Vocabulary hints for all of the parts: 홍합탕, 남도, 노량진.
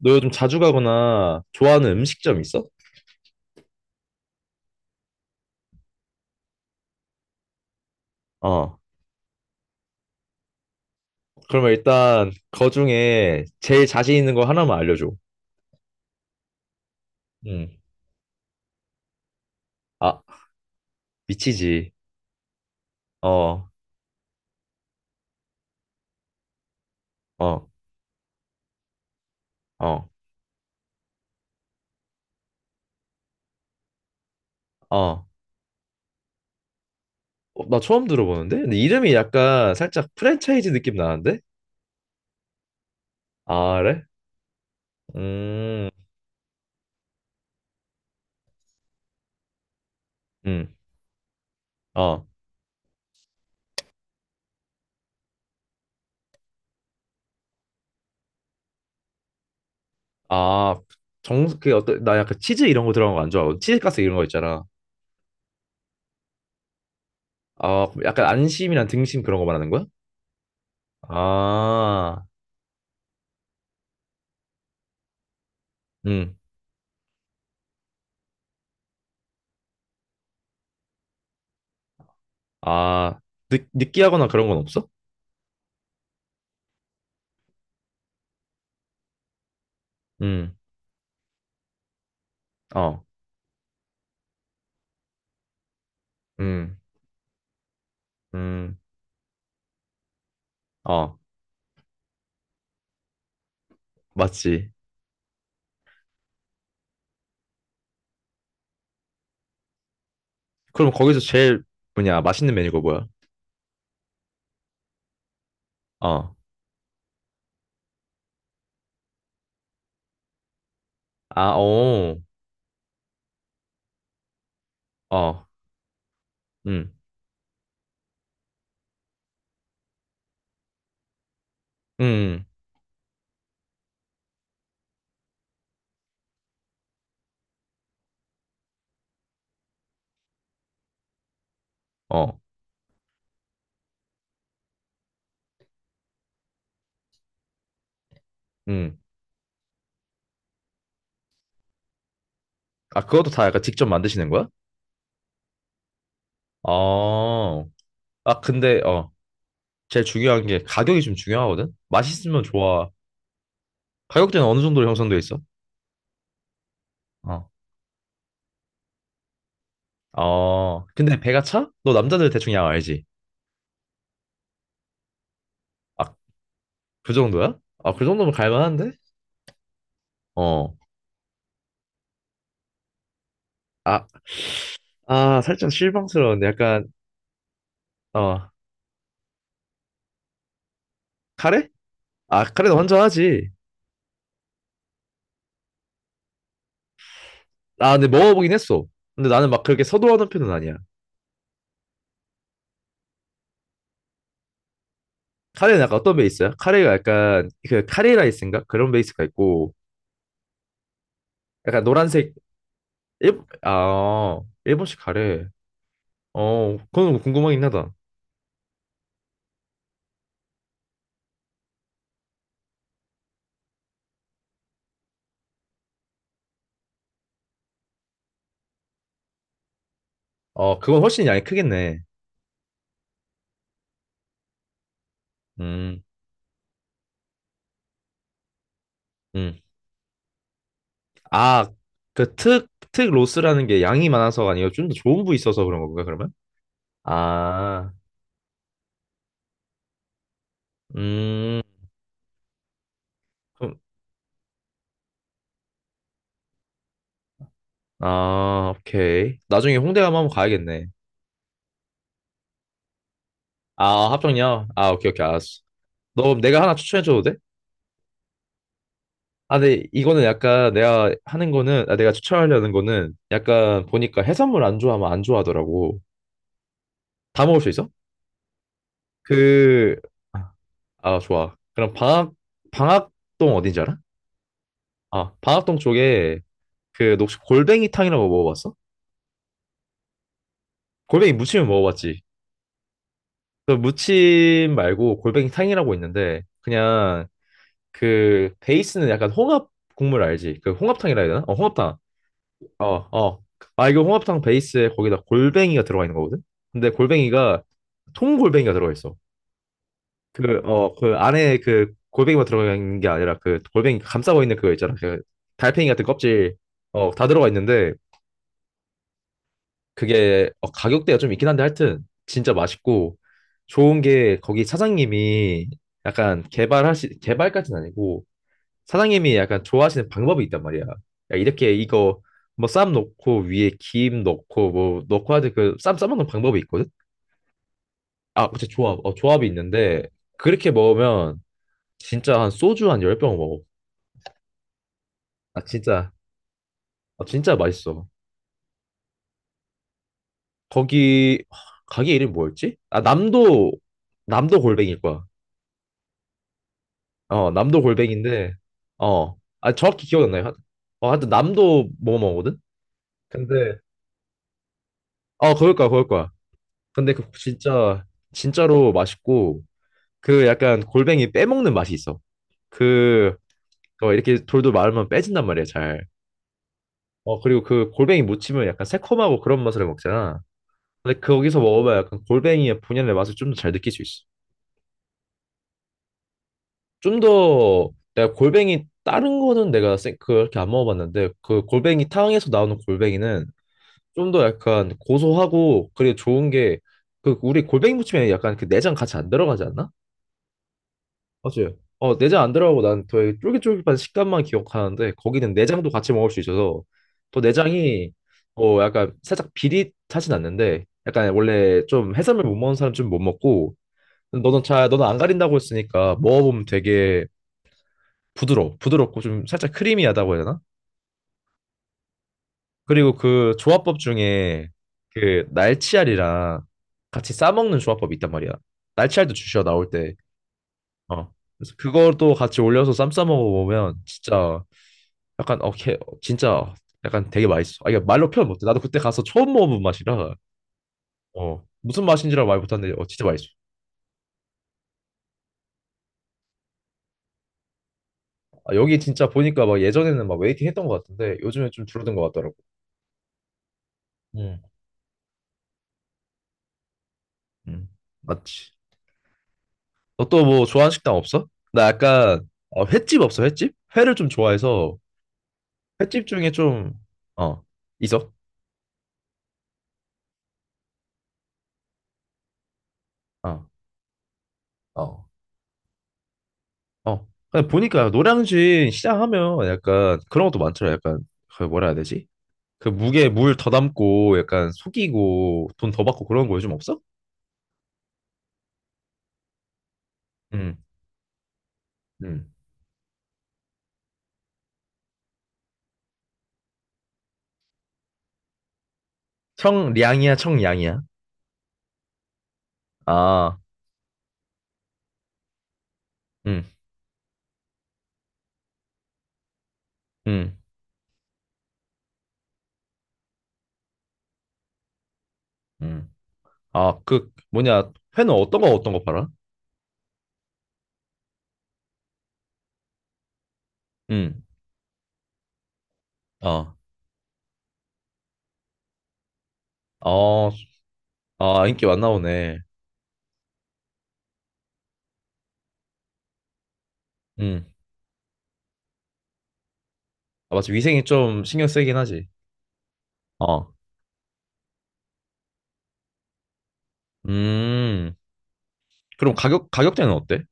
너 요즘 자주 가거나 좋아하는 음식점 있어? 어. 그러면 일단 거 중에 제일 자신 있는 거 하나만 알려줘. 응. 아, 미치지. 어, 어, 어, 어. 어, 나 처음 들어보는데? 근데 이름이 약간 살짝 프랜차이즈 느낌 나는데? 아, 그래? 음, 음, 어. 아, 나 약간 치즈 이런 거 들어간 거 안 좋아하고, 치즈가스 이런 거 있잖아. 아, 약간 안심이랑 등심 그런 거 말하는 거야? 아, 음. 아, 느끼하거나 그런 건 없어? 음, 어, 음, 음, 어, 맞지. 그럼 거기서 제일 맛있는 메뉴가 뭐야? 어, 아, 오, 어, 음, 음, 어, 음. 아, 그것도 다 약간 직접 만드시는 거야? 어, 아, 근데, 어, 제일 중요한 게 가격이 좀 중요하거든? 맛있으면 좋아. 가격대는 어느 정도로 형성돼 있어? 어, 근데 배가 차? 너 남자들 대충 양 알지? 아, 그 정도야? 아, 그 정도면 갈만한데? 어. 아, 살짝 실망스러운데 약간 어 카레? 아, 카레는 혼자 하지. 아, 근데 먹어보긴 했어. 근데 나는 막 그렇게 서두르는 편은 아니야. 카레는 약간 어떤 베이스야? 카레가 약간 그 카레 라이스인가? 그런 베이스가 있고 약간 노란색 일본식 카레. 어, 그건 궁금하긴 하다. 어, 그건 훨씬 양이 크겠네. 음, 음. 아, 특 로스라는 게 양이 많아서가 아니고 좀 더 좋은 부위 있어서 그런 건가, 그러면? 아, 음. 아, 오케이. 나중에 홍대 가면 한번 가야겠네. 아, 합정역? 아, 오케이, 오케이, 알았어. 너 그럼 내가 하나 추천해줘도 돼? 아, 근데 이거는 약간 내가 하는 거는, 아, 내가 추천하려는 거는 약간 보니까 해산물 안 좋아하면 안 좋아하더라고. 다 먹을 수 있어? 그, 아, 좋아. 방학동 어딘지 알아? 아, 방학동 쪽에 그, 너 혹시 골뱅이탕이라고 먹어봤어? 골뱅이 무침은 먹어봤지? 그 무침 말고 골뱅이탕이라고 있는데, 그냥 그 베이스는 약간 홍합 국물 알지? 그 홍합탕이라 해야 되나? 어, 홍합탕. 어, 어. 아, 이거 홍합탕 베이스에 거기다 골뱅이가 들어가 있는 거거든? 근데 골뱅이가 통골뱅이가 들어가 있어. 그, 어, 그 안에 그 골뱅이만 들어가 있는 게 아니라 그 골뱅이 감싸고 있는 그거 있잖아. 그 달팽이 같은 껍질. 어, 다 들어가 있는데 그게 어, 가격대가 좀 있긴 한데 하여튼 진짜 맛있고 좋은 게 거기 사장님이 개발까지는 아니고 사장님이 약간 좋아하시는 방법이 있단 말이야. 야, 이렇게 이거 뭐 쌈 넣고 위에 김 넣고 뭐 넣고 하듯 그쌈 싸먹는 방법이 있거든? 아, 그치, 조합. 어, 조합이 있는데 그렇게 먹으면 진짜 한 소주 한 10병 먹어. 아, 진짜. 아, 진짜 맛있어. 거기 하, 가게 이름이 뭐였지? 남도 골뱅일 거야. 어, 남도 골뱅인데 어. 정확히 기억이 안 나요. 어, 하여튼 남도 뭐 먹거든? 근데 어, 그럴 거야. 근데 그 진짜 진짜로 맛있고 그 약간 골뱅이 빼먹는 맛이 있어. 그 어, 이렇게 돌돌 말으면 빼진단 말이야 잘. 어 그리고 그 골뱅이 무침은 약간 새콤하고 그런 맛을 먹잖아. 근데 거기서 먹어봐야 약간 골뱅이의 본연의 맛을 좀 더 잘 느낄 수 있어. 좀 더 내가 골뱅이 다른 거는 그렇게 안 먹어봤는데 그 골뱅이 탕에서 나오는 골뱅이는 좀 더 약간 고소하고 그리고 좋은 게 그 우리 골뱅이 무침에 약간 그 내장 같이 안 들어가지 않나? 맞아요. 어, 내장 안 들어가고 난 되게 쫄깃쫄깃한 식감만 기억하는데 거기는 내장도 같이 먹을 수 있어서 또 내장이 어 약간 살짝 비릿하진 않는데 약간 원래 좀 해산물 못 먹는 사람 좀 못 먹고 너는 안 가린다고 했으니까 먹어보면 되게 부드러워 부드럽고 좀 살짝 크리미하다고 해야 되나? 그리고 그 조합법 중에 그 날치알이랑 같이 싸먹는 조합법이 있단 말이야. 날치알도 주셔 나올 때. 어. 그래서 그것도 같이 올려서 쌈 싸 먹어보면 진짜 약간 어, 개, 진짜 약간 되게 맛있어. 아 이게 말로 표현 못해. 나도 그때 가서 처음 먹어본 맛이라 어 무슨 맛인지라 말 못하는데 어 진짜 맛있어. 아, 여기 진짜 보니까 막 예전에는 막 웨이팅 했던 것 같은데 요즘에 좀 줄어든 것 같더라고. 음, 음, 맞지. 너 또 뭐 좋아하는 식당 없어? 나 약간 어, 횟집? 회를 좀 좋아해서 횟집 중에 좀어 있어? 어, 어, 어. 그냥 보니까 노량진 시장 하면 약간 그런 것도 많더라. 약간 그 뭐라 해야 되지? 그 무게 물 더 담고 약간 속이고 돈 더 받고 그런 거 요즘 없어? 응, 응. 청량이야, 청량이야. 아, 응, 응, 응. 아, 그 뭐냐, 회는 어떤 거 팔아? 응, 아, 아, 아, 인기 많나 보네. 응, 아, 맞지. 위생이 좀 신경 쓰이긴 하지. 어, 음. 그럼 가격 가격대는 어때?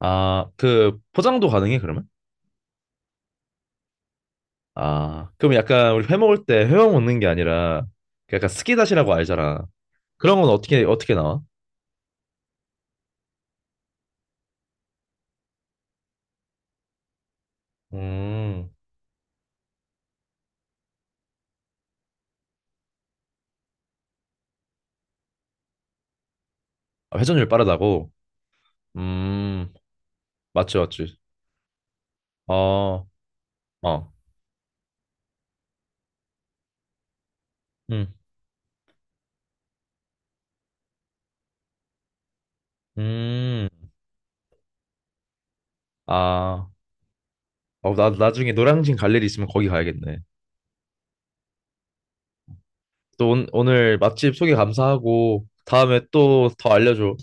아, 그 포장도 가능해 그러면? 아, 그럼 약간 우리 회 먹을 때 회만 먹는 게 아니라 그 약간 스키다시라고 알잖아. 그런 건 어떻게 나와? 음, 아, 회전율 빠르다고? 음, 맞지 맞지. 어, 어, 음, 음. 아, 어, 나 나중에 노량진 갈 일이 있으면 거기 가야겠네. 오늘 맛집 소개 감사하고 다음에 또 더 알려줘.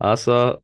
알았어.